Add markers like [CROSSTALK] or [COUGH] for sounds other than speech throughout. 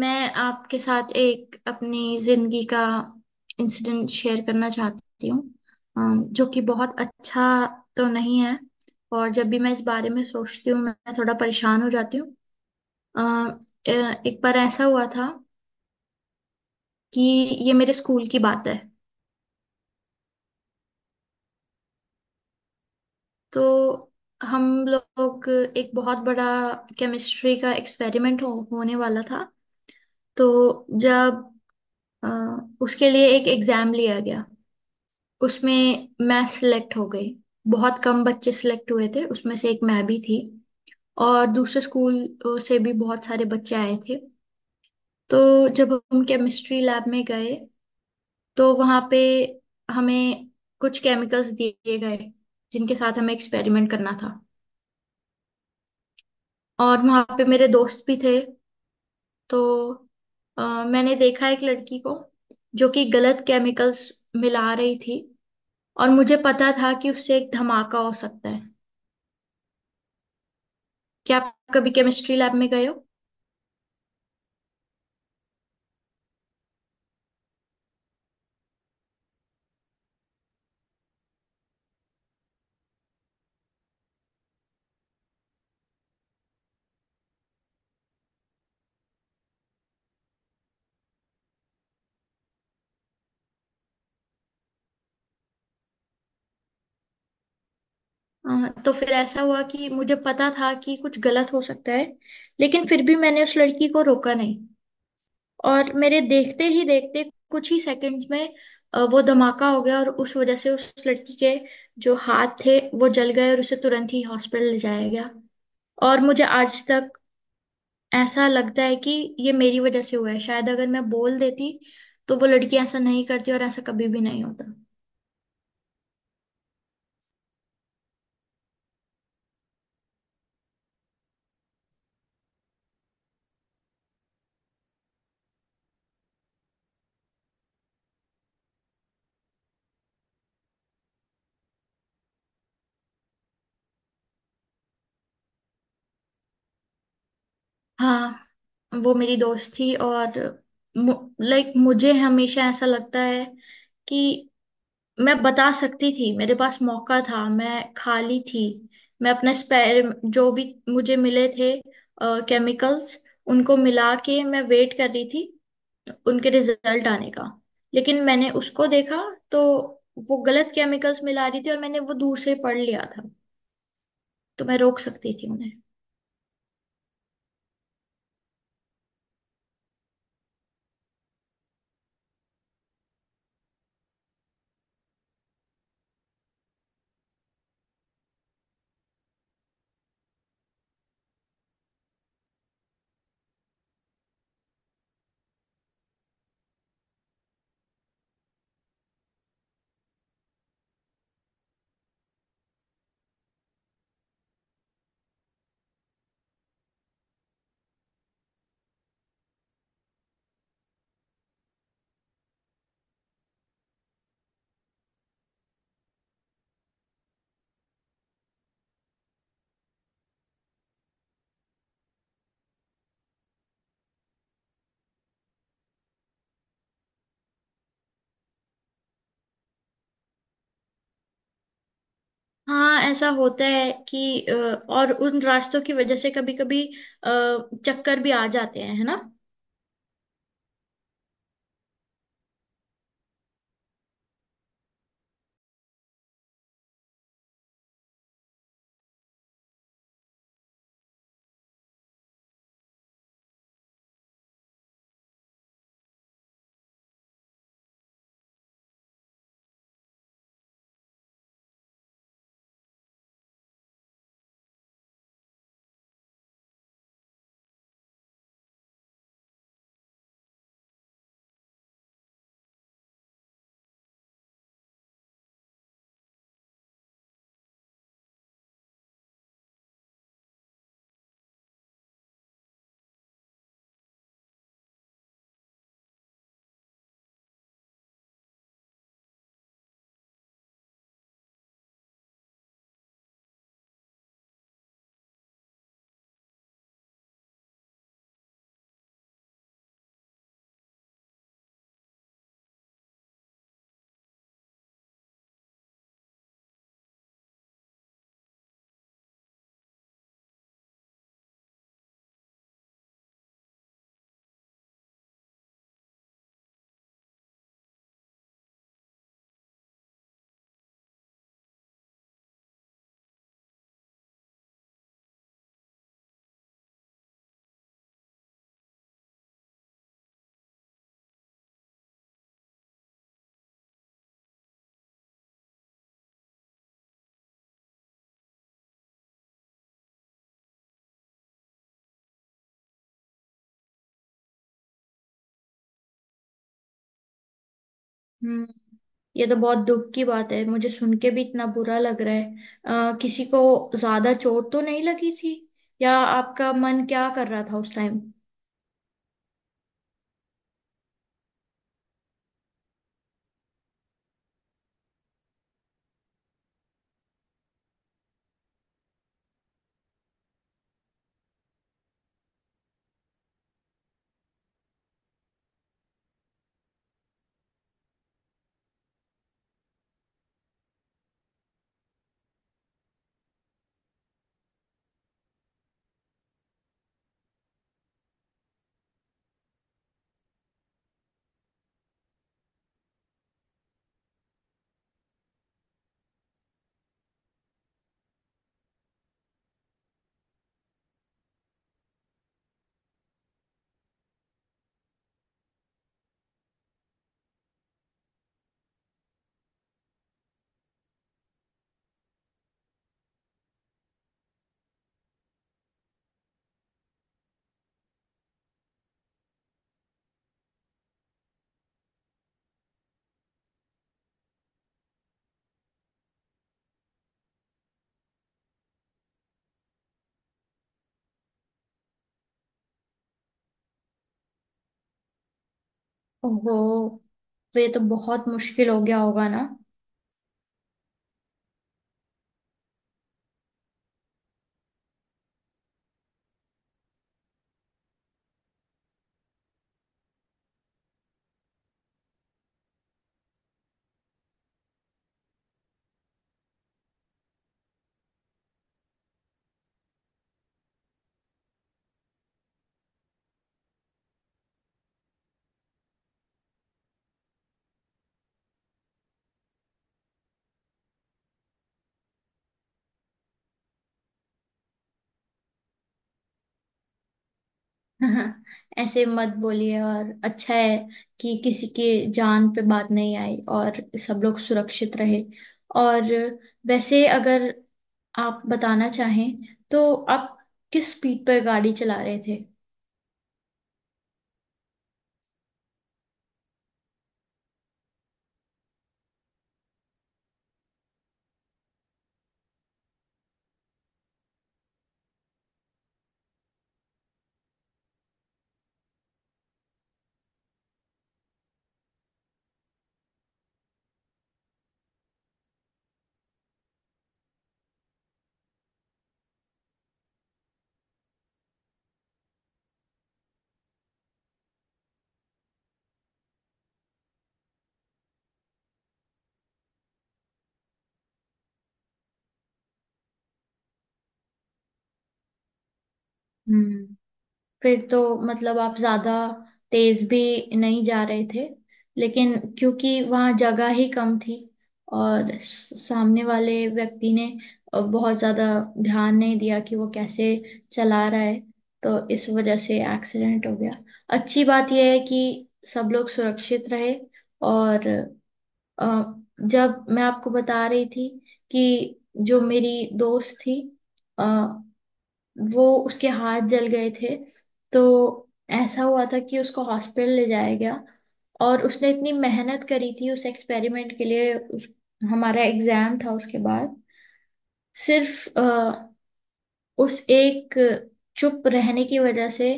मैं आपके साथ एक अपनी जिंदगी का इंसिडेंट शेयर करना चाहती हूँ जो कि बहुत अच्छा तो नहीं है। और जब भी मैं इस बारे में सोचती हूँ मैं थोड़ा परेशान हो जाती हूँ। अम, अ, एक बार ऐसा हुआ था कि ये मेरे स्कूल की बात है। तो हम लोग एक बहुत बड़ा केमिस्ट्री का एक्सपेरिमेंट होने वाला था। तो जब अ, उसके लिए एक एग्जाम लिया गया उसमें मैं सिलेक्ट हो गई। बहुत कम बच्चे सिलेक्ट हुए थे उसमें से एक मैं भी थी। और दूसरे स्कूल से भी बहुत सारे बच्चे आए थे। तो जब हम केमिस्ट्री लैब में गए तो वहाँ पे हमें कुछ केमिकल्स दिए गए जिनके साथ हमें एक्सपेरिमेंट करना था। और वहाँ पे मेरे दोस्त भी थे। तो मैंने देखा एक लड़की को जो कि गलत केमिकल्स मिला रही थी। और मुझे पता था कि उससे एक धमाका हो सकता है। क्या आप कभी केमिस्ट्री लैब में गए हो? तो फिर ऐसा हुआ कि मुझे पता था कि कुछ गलत हो सकता है लेकिन फिर भी मैंने उस लड़की को रोका नहीं। और मेरे देखते ही देखते कुछ ही सेकंड्स में वो धमाका हो गया और उस वजह से उस लड़की के जो हाथ थे वो जल गए और उसे तुरंत ही हॉस्पिटल ले जाया गया। और मुझे आज तक ऐसा लगता है कि ये मेरी वजह से हुआ है। शायद अगर मैं बोल देती तो वो लड़की ऐसा नहीं करती और ऐसा कभी भी नहीं होता। हाँ, वो मेरी दोस्त थी और लाइक मुझे हमेशा ऐसा लगता है कि मैं बता सकती थी। मेरे पास मौका था, मैं खाली थी। मैं अपने स्पेयर, जो भी मुझे मिले थे केमिकल्स, उनको मिला के मैं वेट कर रही थी उनके रिजल्ट आने का। लेकिन मैंने उसको देखा तो वो गलत केमिकल्स मिला रही थी और मैंने वो दूर से पढ़ लिया था। तो मैं रोक सकती थी उन्हें। हाँ, ऐसा होता है कि और उन रास्तों की वजह से कभी कभी चक्कर भी आ जाते हैं, है ना। हम्म। ये तो बहुत दुख की बात है, मुझे सुन के भी इतना बुरा लग रहा है। किसी को ज्यादा चोट तो नहीं लगी थी? या आपका मन क्या कर रहा था उस टाइम? ओहो। तो ये तो बहुत मुश्किल हो गया होगा ना। [LAUGHS] हाँ, ऐसे मत बोलिए। और अच्छा है कि किसी की जान पे बात नहीं आई और सब लोग सुरक्षित रहे। और वैसे अगर आप बताना चाहें तो आप किस स्पीड पर गाड़ी चला रहे थे? हम्म। फिर तो मतलब आप ज्यादा तेज भी नहीं जा रहे थे। लेकिन क्योंकि वहाँ जगह ही कम थी और सामने वाले व्यक्ति ने बहुत ज्यादा ध्यान नहीं दिया कि वो कैसे चला रहा है, तो इस वजह से एक्सीडेंट हो गया। अच्छी बात यह है कि सब लोग सुरक्षित रहे। और अ, जब मैं आपको बता रही थी कि जो मेरी दोस्त थी अ, वो उसके हाथ जल गए थे तो ऐसा हुआ था कि उसको हॉस्पिटल ले जाया गया। और उसने इतनी मेहनत करी थी उस एक्सपेरिमेंट के लिए, हमारा एग्जाम था उसके बाद। सिर्फ उस एक चुप रहने की वजह से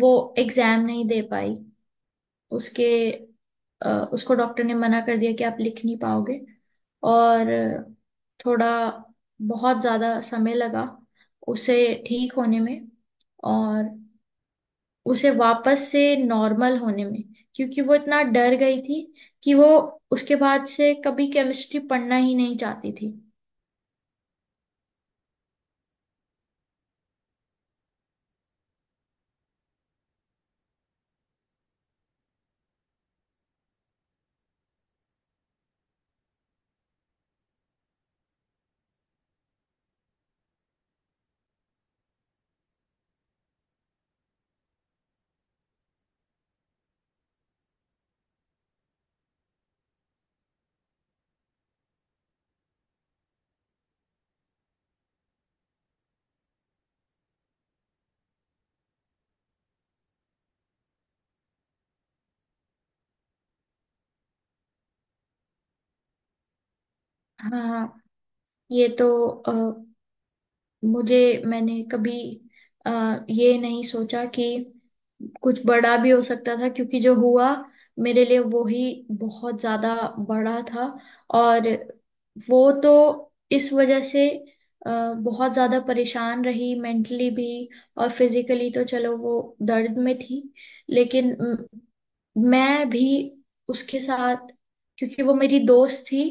वो एग्जाम नहीं दे पाई। उसके उसको डॉक्टर ने मना कर दिया कि आप लिख नहीं पाओगे। और थोड़ा बहुत ज़्यादा समय लगा उसे ठीक होने में और उसे वापस से नॉर्मल होने में। क्योंकि वो इतना डर गई थी कि वो उसके बाद से कभी केमिस्ट्री पढ़ना ही नहीं चाहती थी। हाँ, ये तो मुझे, मैंने कभी ये नहीं सोचा कि कुछ बड़ा भी हो सकता था। क्योंकि जो हुआ मेरे लिए वो ही बहुत ज्यादा बड़ा था। और वो तो इस वजह से बहुत ज्यादा परेशान रही मेंटली भी। और फिजिकली तो चलो वो दर्द में थी लेकिन मैं भी उसके साथ, क्योंकि वो मेरी दोस्त थी,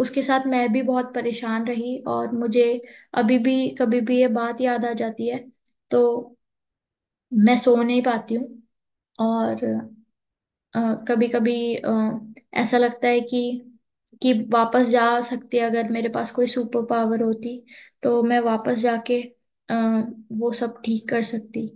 उसके साथ मैं भी बहुत परेशान रही। और मुझे अभी भी कभी भी ये बात याद आ जाती है तो मैं सो नहीं पाती हूँ। और कभी कभी ऐसा लगता है कि वापस जा सकती, अगर मेरे पास कोई सुपर पावर होती तो मैं वापस जाके अ, वो सब ठीक कर सकती।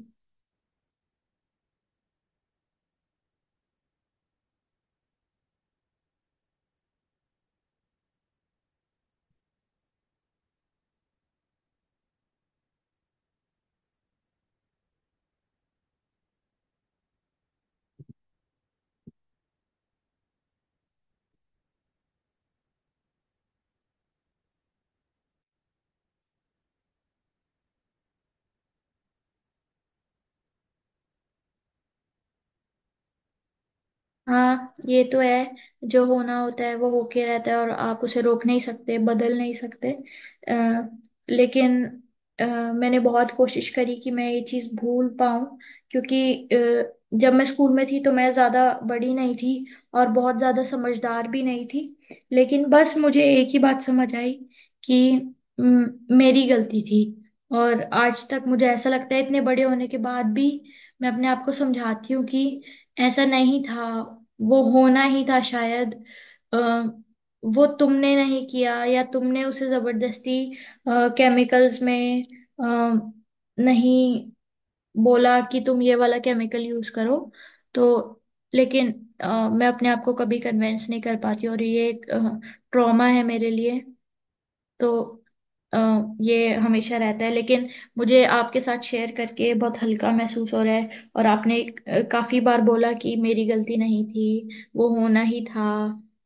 हाँ, ये तो है। जो होना होता है वो होके रहता है और आप उसे रोक नहीं सकते, बदल नहीं सकते। आ, लेकिन अ, मैंने बहुत कोशिश करी कि मैं ये चीज़ भूल पाऊं। क्योंकि जब मैं स्कूल में थी तो मैं ज़्यादा बड़ी नहीं थी और बहुत ज़्यादा समझदार भी नहीं थी। लेकिन बस मुझे एक ही बात समझ आई कि म, मेरी गलती थी। और आज तक मुझे ऐसा लगता है। इतने बड़े होने के बाद भी मैं अपने आप को समझाती हूँ कि ऐसा नहीं था, वो होना ही था शायद। अ, वो तुमने नहीं किया या तुमने उसे जबरदस्ती केमिकल्स में अ, नहीं बोला कि तुम ये वाला केमिकल यूज करो। तो लेकिन मैं अपने आप को कभी कन्वेंस नहीं कर पाती और ये एक ट्रॉमा है मेरे लिए। तो अ, ये हमेशा रहता है। लेकिन मुझे आपके साथ शेयर करके बहुत हल्का महसूस हो रहा है। और आपने काफी बार बोला कि मेरी गलती नहीं थी, वो होना ही था।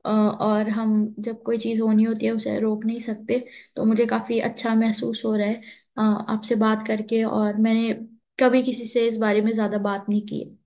और हम, जब कोई चीज़ होनी होती है उसे रोक नहीं सकते। तो मुझे काफी अच्छा महसूस हो रहा है आपसे बात करके। और मैंने कभी किसी से इस बारे में ज्यादा बात नहीं की है।